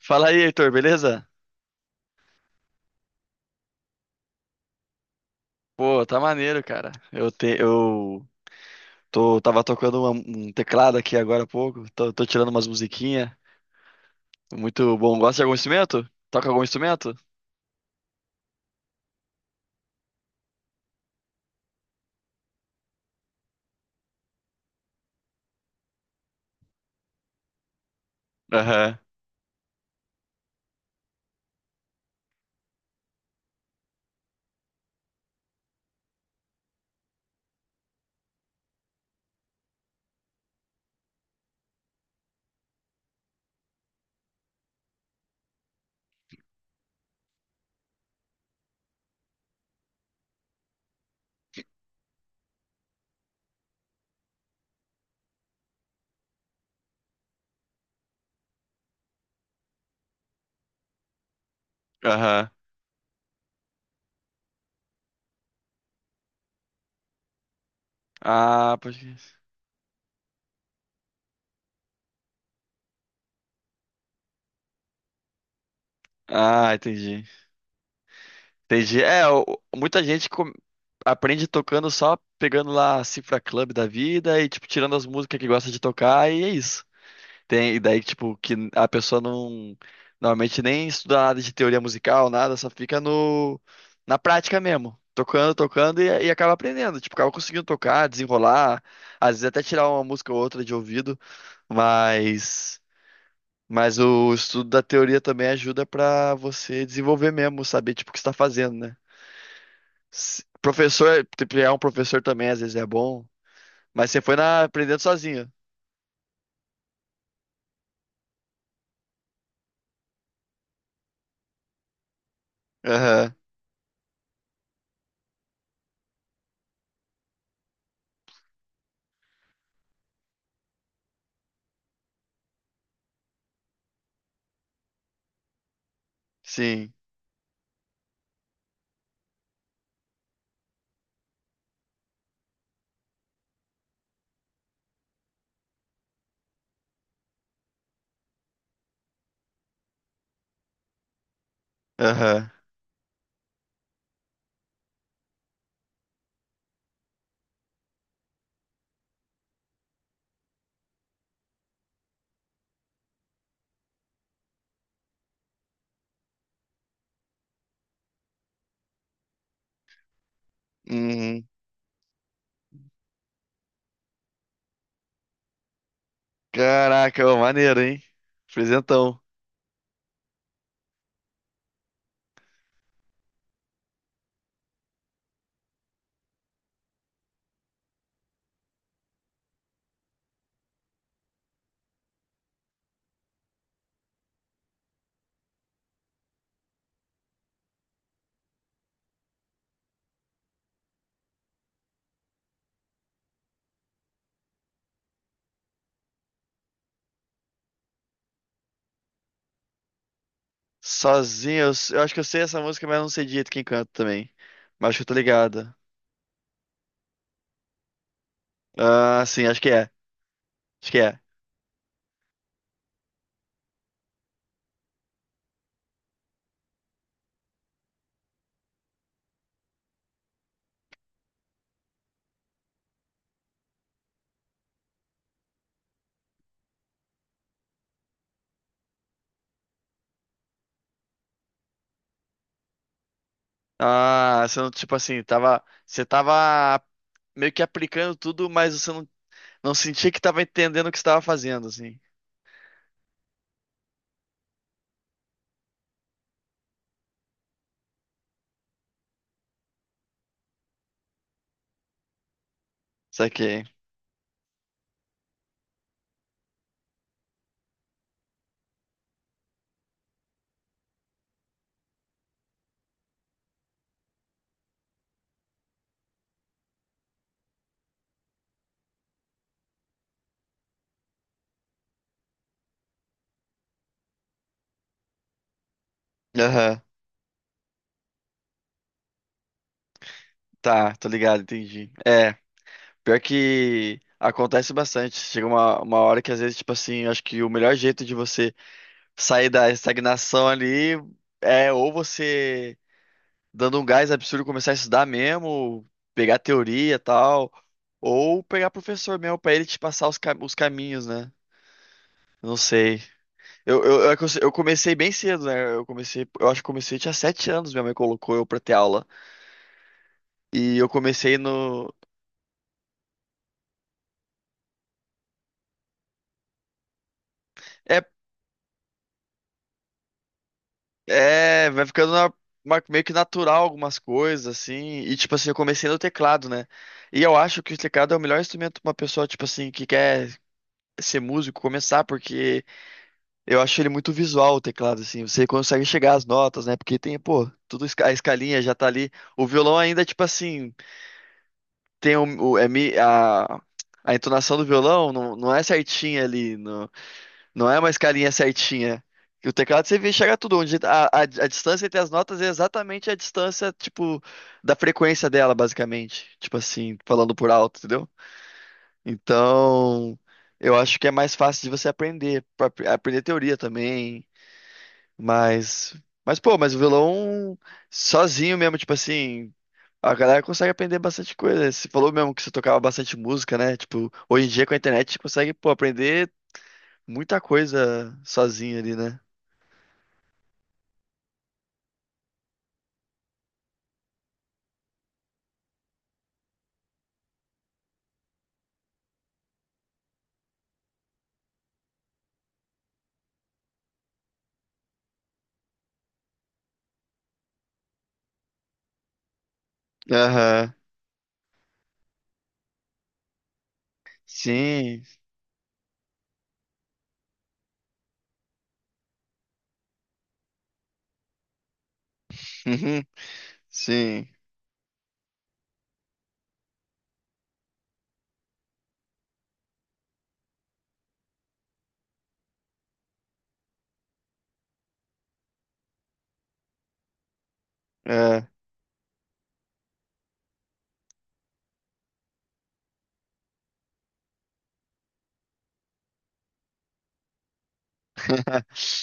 Fala aí, Heitor, beleza? Pô, tá maneiro, cara. Eu tô, tava tocando um teclado aqui agora há pouco. Tô tirando umas musiquinhas. Muito bom. Gosta de algum instrumento? Toca algum instrumento? Aham, aham. Ah, pode crer. Ah, entendi. Entendi. É, muita gente aprende tocando só pegando lá a Cifra Club da vida e, tipo, tirando as músicas que gosta de tocar e é isso. Tem, e daí, tipo, que a pessoa não normalmente nem estuda nada de teoria musical, nada, só fica no, na prática mesmo. Tocando, tocando e acaba aprendendo. Tipo, acaba conseguindo tocar, desenrolar, às vezes até tirar uma música ou outra de ouvido, mas, mas o estudo da teoria também ajuda pra você desenvolver mesmo, saber, tipo, o que você tá fazendo, né? Professor, tipo, é um professor também, às vezes é bom, mas você foi na, aprendendo sozinho. Aham, sim, aham. Uhum. Caraca, ô, maneiro, hein? Presentão. Sozinho, eu acho que eu sei essa música, mas eu não sei direito quem canta também. Mas acho que eu tô ligado. Ah, sim, acho que é. Acho que é. Ah, você não, tipo assim, tava. Você tava meio que aplicando tudo, mas você não, não sentia que tava entendendo o que você tava fazendo, assim. Saquei. Aham. Tá, tô ligado, entendi. É, pior que acontece bastante. Chega uma hora que às vezes, tipo assim, acho que o melhor jeito de você sair da estagnação ali é ou você dando um gás absurdo começar a estudar mesmo, pegar teoria e tal, ou pegar professor mesmo pra ele te passar os caminhos, né? Não sei. Eu comecei bem cedo, né? Eu comecei, eu acho que comecei tinha sete anos, minha mãe colocou eu pra ter aula. E eu comecei no. É, vai ficando meio que natural algumas coisas, assim. E tipo assim, eu comecei no teclado, né? E eu acho que o teclado é o melhor instrumento pra uma pessoa, tipo assim, que quer ser músico, começar, porque eu acho ele muito visual o teclado, assim. Você consegue chegar às notas, né? Porque tem, pô, tudo a escalinha já tá ali. O violão ainda, tipo assim, tem a entonação do violão não, não é certinha ali, não, não é uma escalinha certinha. E o teclado você vê chegar tudo onde a distância entre as notas é exatamente a distância, tipo, da frequência dela, basicamente. Tipo assim, falando por alto, entendeu? Então, eu acho que é mais fácil de você aprender, aprender teoria também, mas mas o violão sozinho mesmo, tipo assim, a galera consegue aprender bastante coisa. Você falou mesmo que você tocava bastante música, né? Tipo, hoje em dia com a internet você consegue, pô, aprender muita coisa sozinho ali, né? Aham. Sim. Uhum. Sim. É.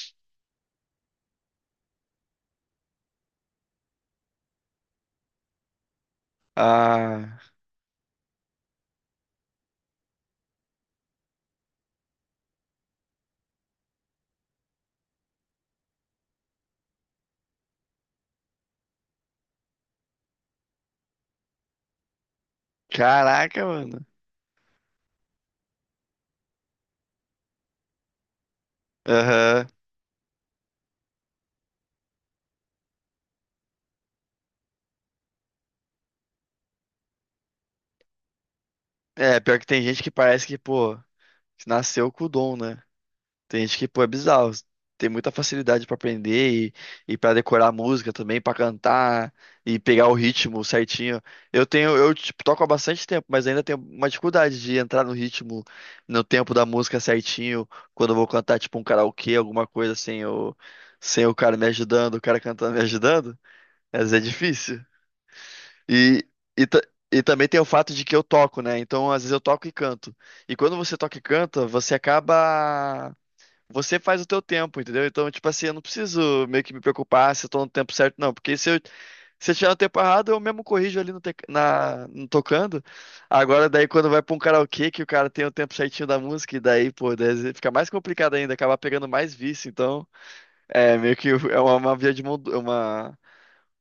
Ah, caraca, mano. Aham. É, pior que tem gente que parece que, pô, você nasceu com o dom, né? Tem gente que, pô, é bizarro. Tem muita facilidade pra aprender e para decorar a música também, pra cantar e pegar o ritmo certinho. Eu tipo, toco há bastante tempo, mas ainda tenho uma dificuldade de entrar no ritmo, no tempo da música certinho, quando eu vou cantar tipo um karaokê, alguma coisa sem o, sem o cara me ajudando, o cara cantando me ajudando. Às vezes é difícil. E, e, ta- e também tem o fato de que eu toco, né? Então, às vezes eu toco e canto. E quando você toca e canta, você acaba. Você faz o teu tempo, entendeu? Então, tipo assim, eu não preciso meio que me preocupar se eu tô no tempo certo, não. Porque se eu tiver no tempo errado, eu mesmo corrijo ali no tocando. Agora, daí, quando vai pra um karaokê, que o cara tem o tempo certinho da música, e daí, pô, daí fica mais complicado ainda, acaba pegando mais vício. Então, é meio que é uma via de mão, uma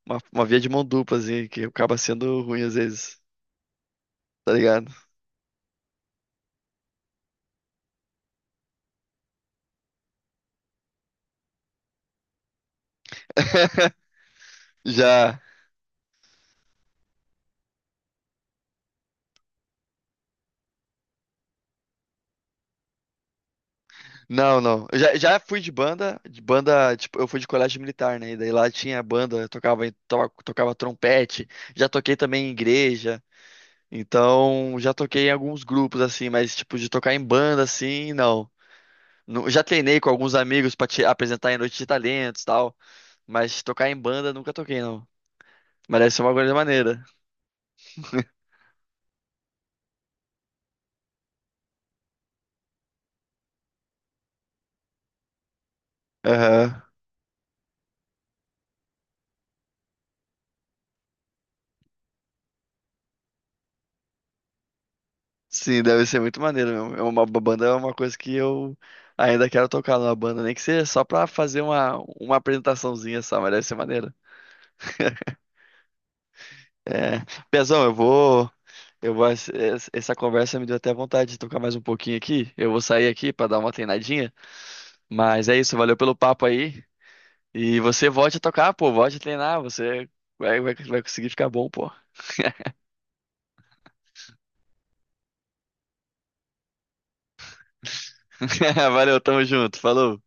uma, uma via de mão dupla, assim, que acaba sendo ruim às vezes, tá ligado? Já. Não, não. Eu já fui de banda, tipo, eu fui de colégio militar, né? E daí lá tinha banda, eu tocava, tocava trompete, já toquei também em igreja, então já toquei em alguns grupos, assim, mas tipo, de tocar em banda, assim, não. Já treinei com alguns amigos pra te apresentar em noite de talentos e tal, mas tocar em banda nunca toquei, não. Mas deve ser uma coisa maneira. Aham. Sim, deve ser muito maneiro mesmo. É uma banda é uma coisa que eu ainda quero tocar numa banda, nem que seja só pra fazer uma apresentaçãozinha só, mas deve ser maneiro. É, Pezão, eu vou, eu vou. Es- es- Essa conversa me deu até vontade de tocar mais um pouquinho aqui. Eu vou sair aqui pra dar uma treinadinha. Mas é isso, valeu pelo papo aí. E você volte a tocar, pô, volte a treinar. Você vai conseguir ficar bom, pô. Valeu, tamo junto, falou.